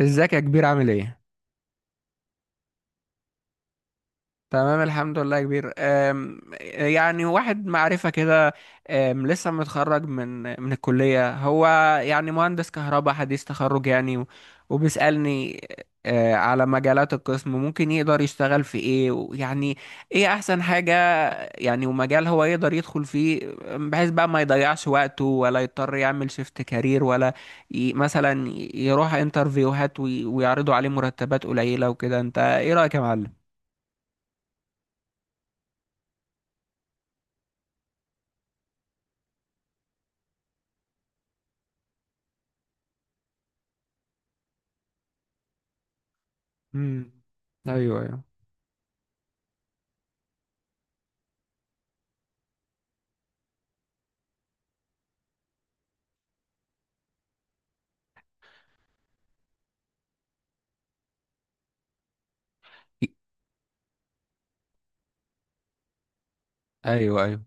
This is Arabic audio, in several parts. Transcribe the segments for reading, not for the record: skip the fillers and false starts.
ازيك يا كبير؟ عامل ايه؟ تمام الحمد لله يا كبير. يعني واحد معرفة كده. لسه متخرج من الكلية. هو يعني مهندس كهرباء حديث تخرج يعني وبيسألني على مجالات القسم ممكن يقدر يشتغل في ايه، ويعني ايه احسن حاجة يعني، ومجال هو يقدر يدخل فيه، بحيث بقى ما يضيعش وقته ولا يضطر يعمل شيفت كارير، ولا مثلا يروح انترفيوهات ويعرضوا عليه مرتبات قليلة وكده. انت ايه رأيك يا معلم؟ امم. ايوه، ايوه. ايوه، ايوه.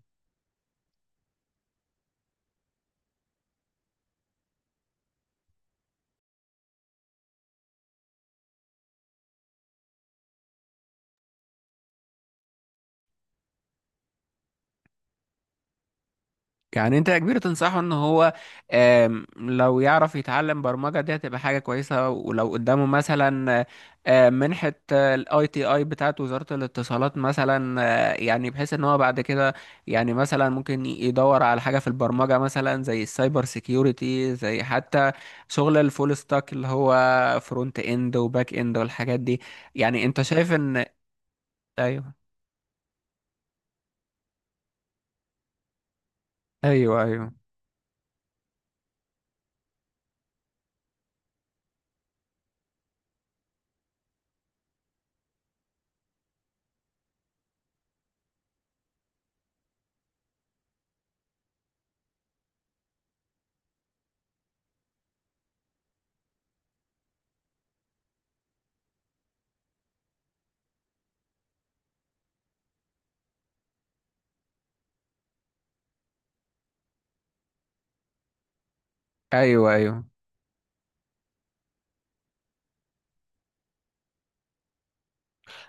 يعني انت يا كبير تنصحه ان هو، لو يعرف يتعلم برمجه دي هتبقى حاجه كويسه. ولو قدامه مثلا منحه الاي تي اي بتاعت وزاره الاتصالات مثلا، يعني بحيث ان هو بعد كده، يعني مثلا ممكن يدور على حاجه في البرمجه مثلا، زي السايبر سيكيورتي، زي حتى شغل الفول ستاك اللي هو فرونت اند وباك اند والحاجات دي. يعني انت شايف ان... ايوه، ايوه، ايوه، ايوه، ايوه.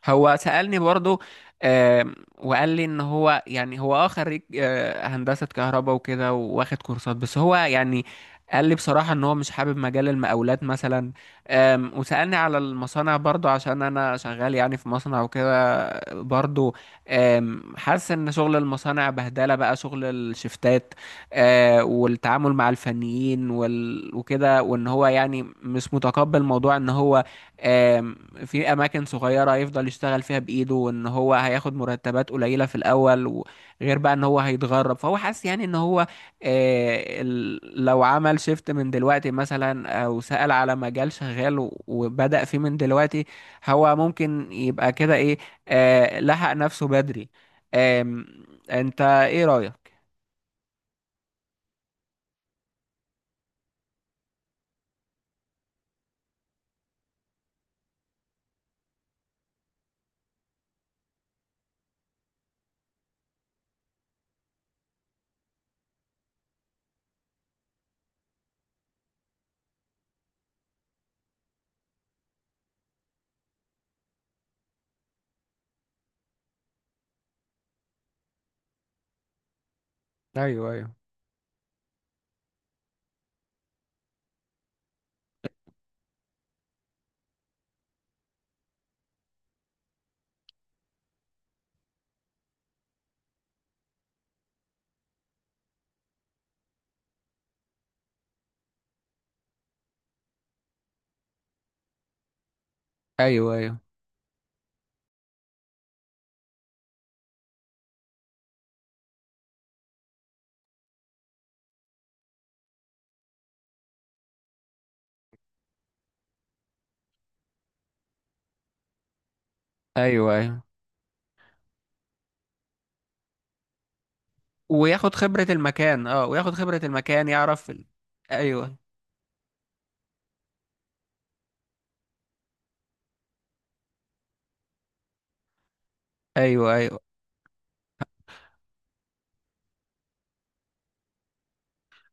هو سألني برضو. وقال لي ان هو، يعني هو خريج هندسة كهرباء وكده، واخد كورسات. بس هو يعني قال لي بصراحة ان هو مش حابب مجال المقاولات مثلا. وسألني على المصانع برضو، عشان انا شغال يعني في مصنع وكده برضو. حاسس ان شغل المصانع بهدلة بقى، شغل الشفتات والتعامل مع الفنيين وكده. وان هو يعني مش متقبل موضوع ان هو آم، في اماكن صغيره يفضل يشتغل فيها بايده، وان هو هياخد مرتبات قليله في الاول، وغير بقى ان هو هيتغرب. فهو حاسس يعني ان هو لو عمل شيفت من دلوقتي مثلا، او سأل على مجال شغال وبدأ فيه من دلوقتي، هو ممكن يبقى كده ايه، لحق نفسه بدري. آم، انت ايه رأيك؟ ايوه، ايوه، ايوه، ايوه، ايوه، ايوه. وياخد خبرة المكان، وياخد خبرة المكان يعرف ايوه، ايوه، ايوه.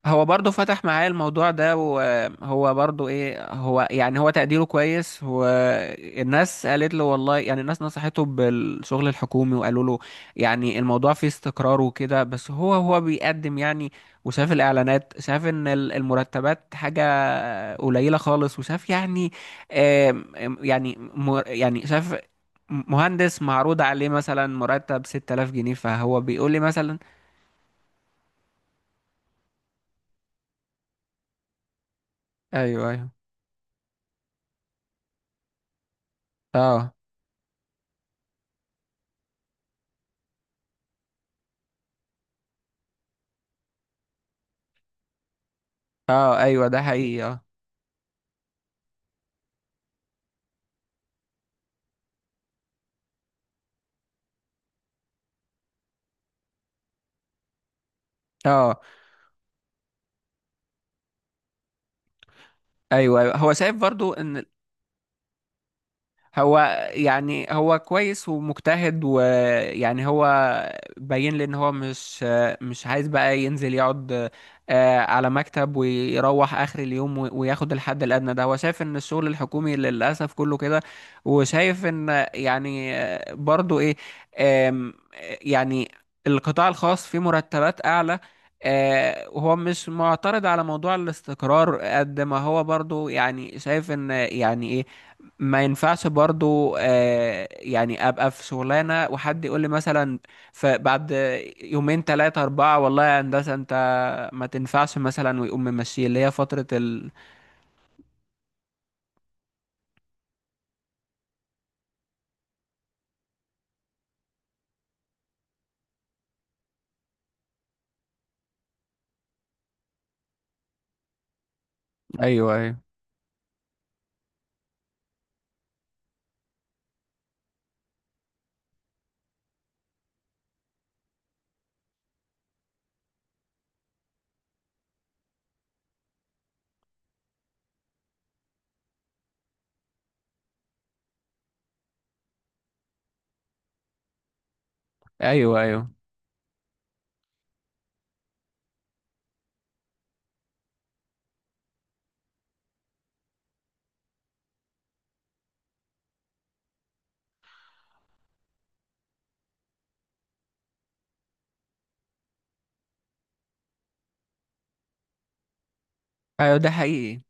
هو برضه فتح معايا الموضوع ده، وهو برضه ايه، هو يعني هو تقديره كويس، والناس قالت له والله، يعني الناس نصحته بالشغل الحكومي، وقالوا له يعني الموضوع فيه استقرار وكده. بس هو، هو بيقدم يعني، وشاف الاعلانات، شاف ان المرتبات حاجة قليلة خالص. وشاف يعني آم، آم، يعني يعني شاف مهندس معروض عليه مثلا مرتب 6000 جنيه، فهو بيقول لي مثلا. ايوه، ايوه. اه، اه، ايوه، ده حقيقي، اه، اه، ايوه، ايوه. هو شايف برضو ان هو، يعني هو كويس ومجتهد، ويعني هو باين لي ان هو مش عايز بقى ينزل يقعد على مكتب، ويروح اخر اليوم وياخد الحد الادنى. ده هو شايف ان الشغل الحكومي للاسف كله كده. وشايف ان يعني برضو ايه، آم، يعني القطاع الخاص فيه مرتبات اعلى. وهو مش معترض على موضوع الاستقرار قد ما هو برضو، يعني شايف ان يعني إيه، ما ينفعش برضو يعني ابقى في شغلانه، وحد يقول لي مثلا فبعد يومين، ثلاثه، اربعه، والله يا هندسه انت ما تنفعش مثلا، ويقوم ممشي، اللي هي فتره ال... ايوه، ايوه، ايوه، ايوه، ايوه، ده حقيقي،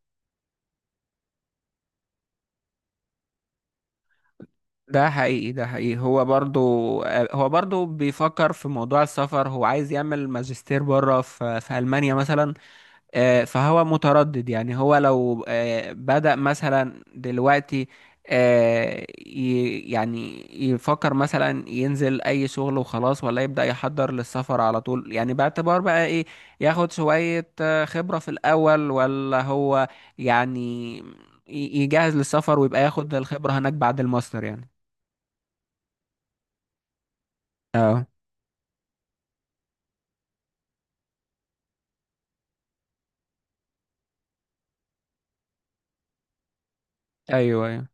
ده حقيقي. ده حقيقي. هو برضو هو برضو بيفكر في موضوع السفر. هو عايز يعمل ماجستير بره في المانيا مثلا. فهو متردد. يعني هو لو بدأ مثلا دلوقتي، يعني يفكر مثلا ينزل أي شغل وخلاص، ولا يبدأ يحضر للسفر على طول، يعني باعتبار بقى إيه، ياخد شوية خبرة في الأول، ولا هو يعني يجهز للسفر ويبقى ياخد الخبرة هناك بعد الماستر يعني. اه، ايوه، ايوه.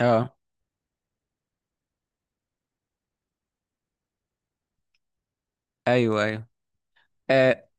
اه، ايوه، ايوه. آه،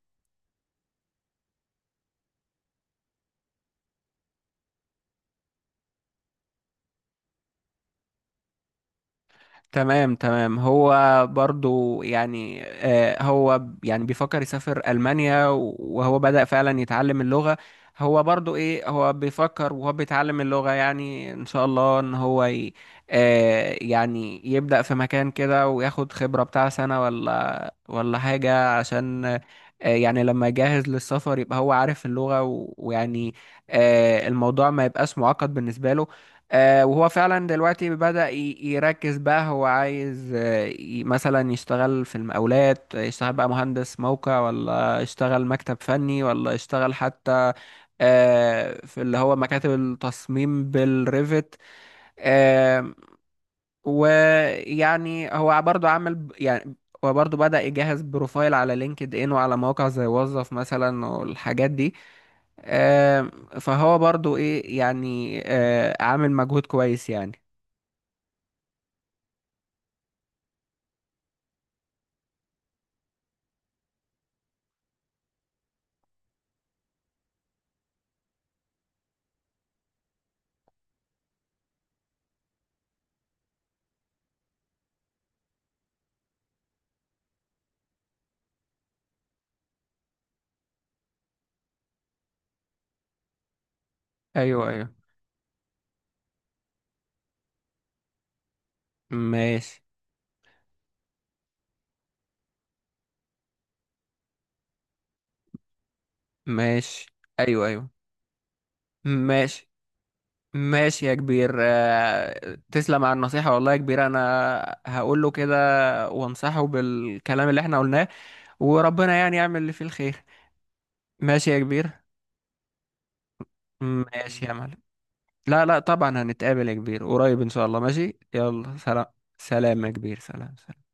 تمام، تمام. هو برضو يعني هو يعني بيفكر يسافر ألمانيا، وهو بدأ فعلا يتعلم اللغة. هو برضو ايه، هو بيفكر وهو بيتعلم اللغة. يعني ان شاء الله ان هو يعني يبدأ في مكان كده، وياخد خبرة بتاع سنة، ولا حاجة، عشان يعني لما يجهز للسفر يبقى هو عارف اللغة، ويعني الموضوع ما يبقاش معقد بالنسبة له. وهو فعلا دلوقتي بدأ يركز، بقى هو عايز مثلا يشتغل في المقاولات، يشتغل بقى مهندس موقع، ولا يشتغل مكتب فني، ولا يشتغل حتى في اللي هو مكاتب التصميم بالريفت. آه، ويعني هو برضه عامل يعني هو برضه بدأ يجهز بروفايل على لينكد ان، وعلى مواقع زي وظف مثلا والحاجات دي. آه، فهو برضه ايه، يعني عامل مجهود كويس يعني. ايوه، ايوه، ماشي، ماشي. ايوه، ايوه، ماشي، ماشي يا كبير. تسلم على النصيحة والله يا كبير. انا هقول له كده، وانصحه بالكلام اللي احنا قلناه، وربنا يعني يعمل اللي فيه الخير. ماشي يا كبير. ماشي يا معلم. لا، لا، طبعا هنتقابل يا كبير قريب ان شاء الله. ماشي، يلا سلام. سلام يا كبير، سلام، سلام.